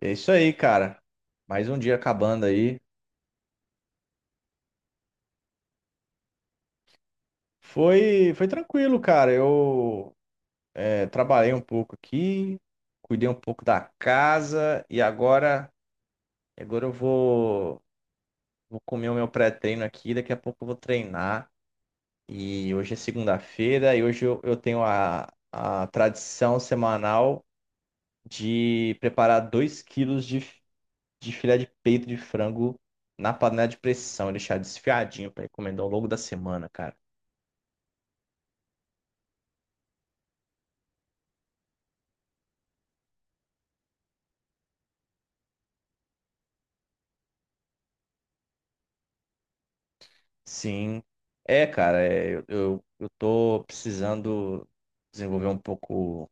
É isso aí, cara. Mais um dia acabando aí. Foi tranquilo, cara. Eu trabalhei um pouco aqui, cuidei um pouco da casa e agora eu vou comer o meu pré-treino aqui. Daqui a pouco eu vou treinar. E hoje é segunda-feira e hoje eu tenho a tradição semanal de preparar 2 quilos de filé de peito de frango na panela de pressão e deixar desfiadinho para encomendar ao longo da semana, cara. Sim. É, cara, eu tô precisando desenvolver um pouco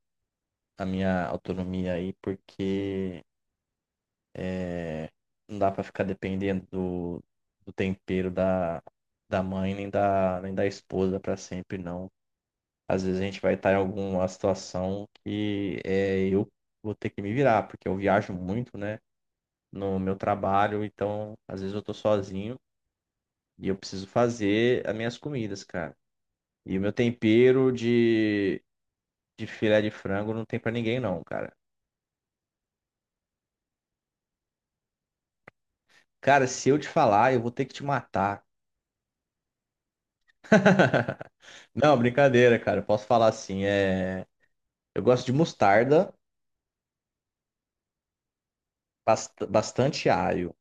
a minha autonomia aí, porque é, não dá pra ficar dependendo do tempero da mãe nem nem da esposa pra sempre, não. Às vezes a gente vai estar em alguma situação que eu vou ter que me virar, porque eu viajo muito, né, no meu trabalho, então às vezes eu tô sozinho e eu preciso fazer as minhas comidas, cara. E o meu tempero de filé de frango não tem pra ninguém, não, cara. Cara, se eu te falar, eu vou ter que te matar. Não, brincadeira, cara. Eu posso falar assim. Eu gosto de mostarda, bastante alho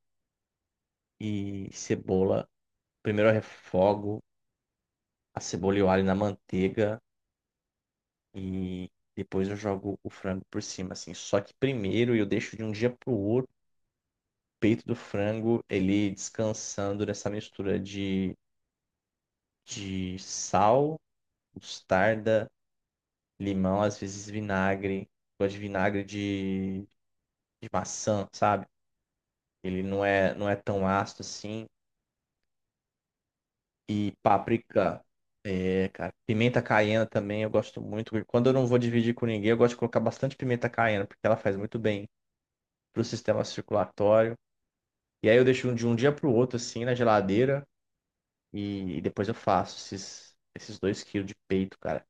e cebola. Primeiro eu refogo a cebola e o alho na manteiga e depois eu jogo o frango por cima, assim. Só que primeiro eu deixo de um dia pro outro o peito do frango ele descansando nessa mistura de sal mostarda, limão, às vezes vinagre. Gosto de vinagre de maçã, sabe? Ele não é tão ácido assim. E páprica. É, cara. Pimenta caiena também eu gosto muito. Quando eu não vou dividir com ninguém, eu gosto de colocar bastante pimenta caiena, porque ela faz muito bem pro sistema circulatório. E aí eu deixo de um dia pro outro, assim, na geladeira. E depois eu faço esses 2 quilos de peito, cara.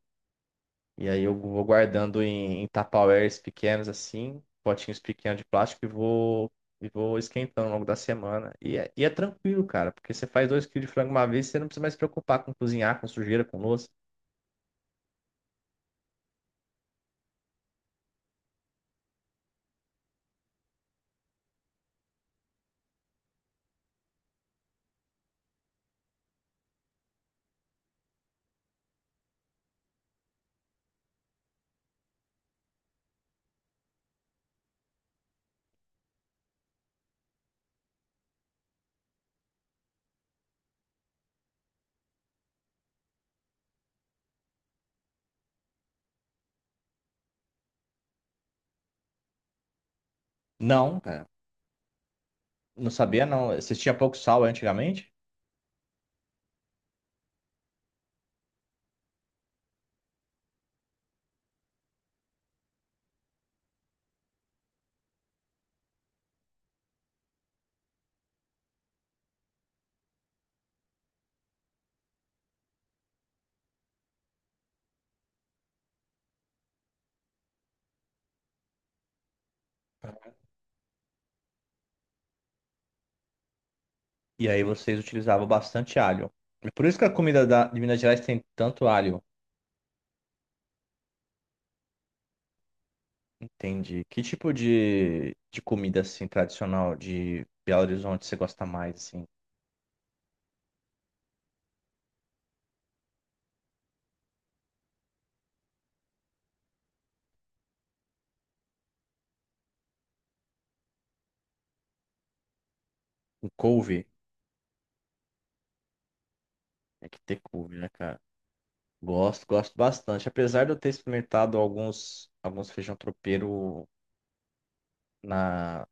E aí eu vou guardando em tupperwares pequenos assim, potinhos pequenos de plástico e vou esquentando ao longo da semana. E é tranquilo, cara, porque você faz 2 quilos de frango uma vez, você não precisa mais se preocupar com cozinhar, com sujeira, com louça. Não, cara, não sabia não. Vocês tinham pouco sal antigamente, e aí vocês utilizavam bastante alho. É por isso que a comida de Minas Gerais tem tanto alho. Entendi. Que tipo de comida assim tradicional de Belo Horizonte você gosta mais assim? Com couve? É que ter couve, né, cara? Gosto, gosto bastante. Apesar de eu ter experimentado alguns feijão tropeiro na,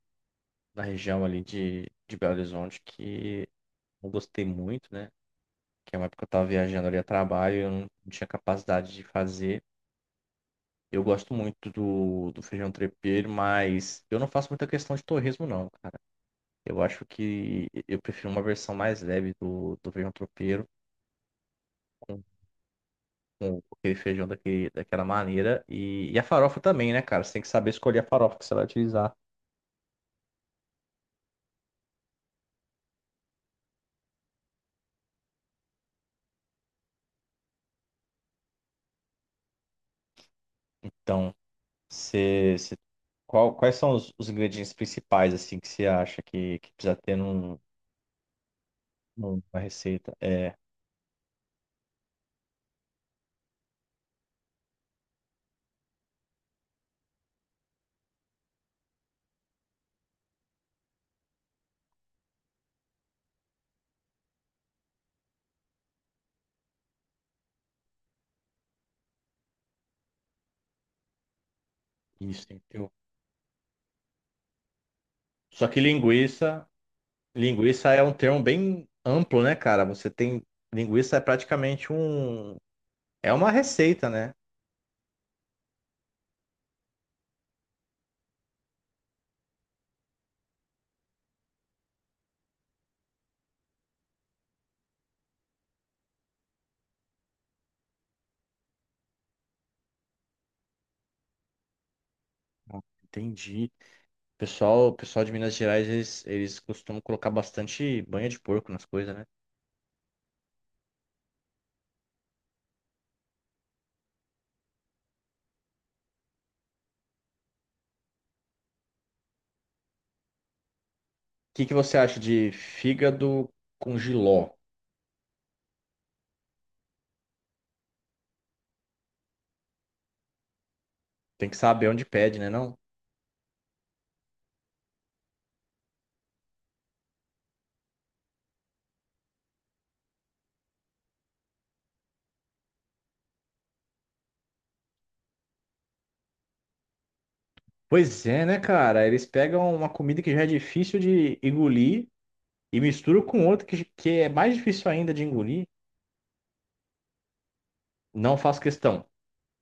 na região ali de Belo Horizonte que não gostei muito, né? Que é uma época que eu tava viajando ali a trabalho eu não tinha capacidade de fazer. Eu gosto muito do feijão tropeiro, mas eu não faço muita questão de torresmo, não, cara. Eu acho que eu prefiro uma versão mais leve do feijão tropeiro com aquele feijão daquela maneira. E a farofa também, né, cara? Você tem que saber escolher a farofa que você vai utilizar. Então, você, você- quais são os ingredientes principais, assim, que você acha que precisa ter numa receita? Isso, tem que ter. Só que linguiça é um termo bem amplo, né, cara? Linguiça é praticamente é uma receita, né? Ah, entendi. Pessoal de Minas Gerais, eles costumam colocar bastante banha de porco nas coisas, né? Que você acha de fígado com jiló? Tem que saber onde pede, né, não? Pois é, né, cara? Eles pegam uma comida que já é difícil de engolir e misturam com outra que é mais difícil ainda de engolir. Não faço questão.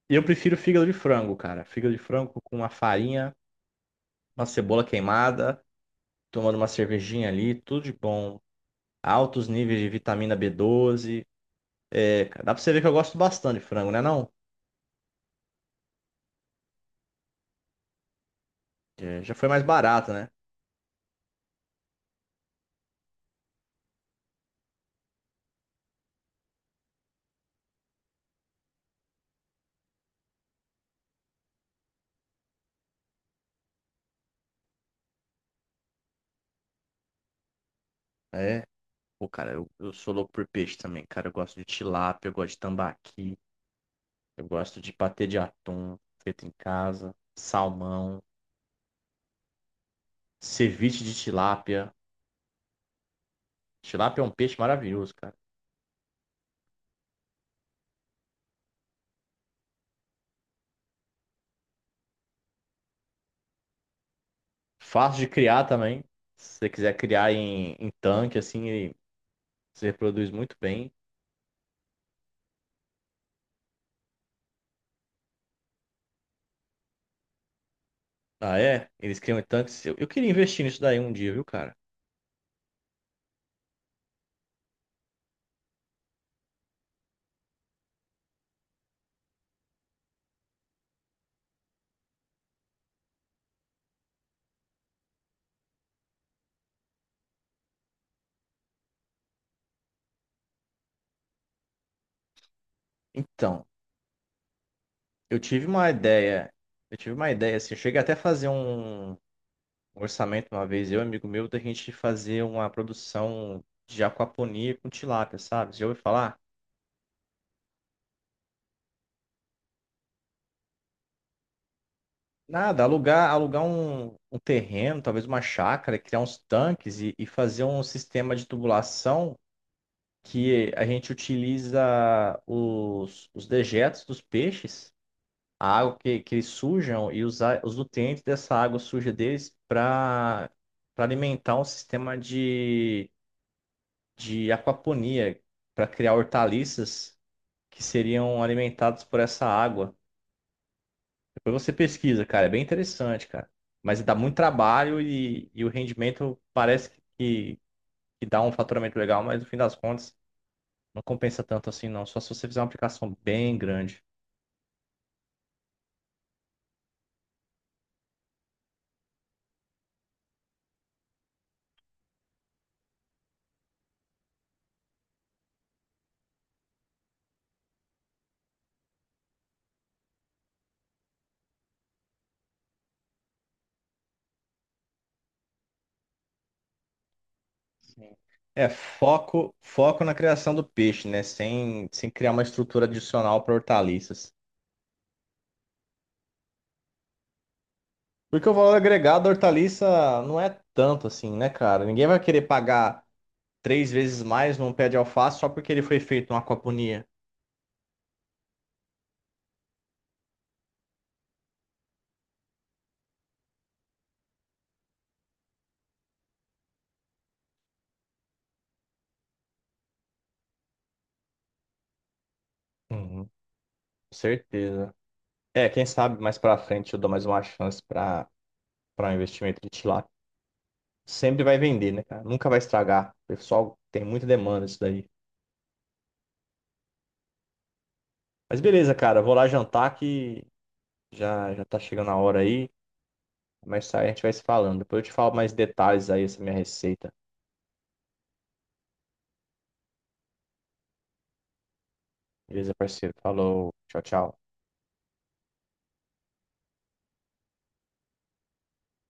Eu prefiro fígado de frango, cara. Fígado de frango com uma farinha, uma cebola queimada, tomando uma cervejinha ali, tudo de bom. Altos níveis de vitamina B12. É, cara, dá pra você ver que eu gosto bastante de frango, né, não? É, já foi mais barato, né? É. Pô, cara, eu sou louco por peixe também, cara. Eu gosto de tilápia, eu gosto de tambaqui, eu gosto de patê de atum feito em casa, salmão, ceviche de tilápia. Tilápia é um peixe maravilhoso, cara. Fácil de criar também. Se você quiser criar em tanque, assim, ele se reproduz muito bem. Ah, é? Eles criam em tanques. Eu queria investir nisso daí um dia, viu, cara? Então, eu tive uma ideia. Eu tive uma ideia, assim, eu cheguei até a fazer um orçamento uma vez, eu e um amigo meu, da gente fazer uma produção de aquaponia com tilápia, sabe? Você já ouviu falar? Nada, alugar um terreno, talvez uma chácara, criar uns tanques e fazer um sistema de tubulação que a gente utiliza os dejetos dos peixes, a água que eles sujam e usar os nutrientes dessa água suja deles para alimentar um sistema de aquaponia, para criar hortaliças que seriam alimentados por essa água. Depois você pesquisa, cara, é bem interessante, cara. Mas dá muito trabalho e o rendimento parece que, que dá um faturamento legal, mas no fim das contas não compensa tanto assim, não. Só se você fizer uma aplicação bem grande. Sim. É, foco na criação do peixe, né? Sem criar uma estrutura adicional para hortaliças. Porque o valor agregado da hortaliça não é tanto assim, né, cara? Ninguém vai querer pagar três vezes mais num pé de alface só porque ele foi feito numa aquaponia. Uhum, com certeza. É, quem sabe mais pra frente eu dou mais uma chance pra para um investimento de tilápia. Sempre vai vender, né, cara? Nunca vai estragar. O pessoal tem muita demanda isso daí. Mas beleza, cara, eu vou lá jantar que já já tá chegando a hora aí. Mas aí a gente vai se falando. Depois eu te falo mais detalhes aí essa minha receita. Beleza, parceiro? Falou. Tchau, tchau.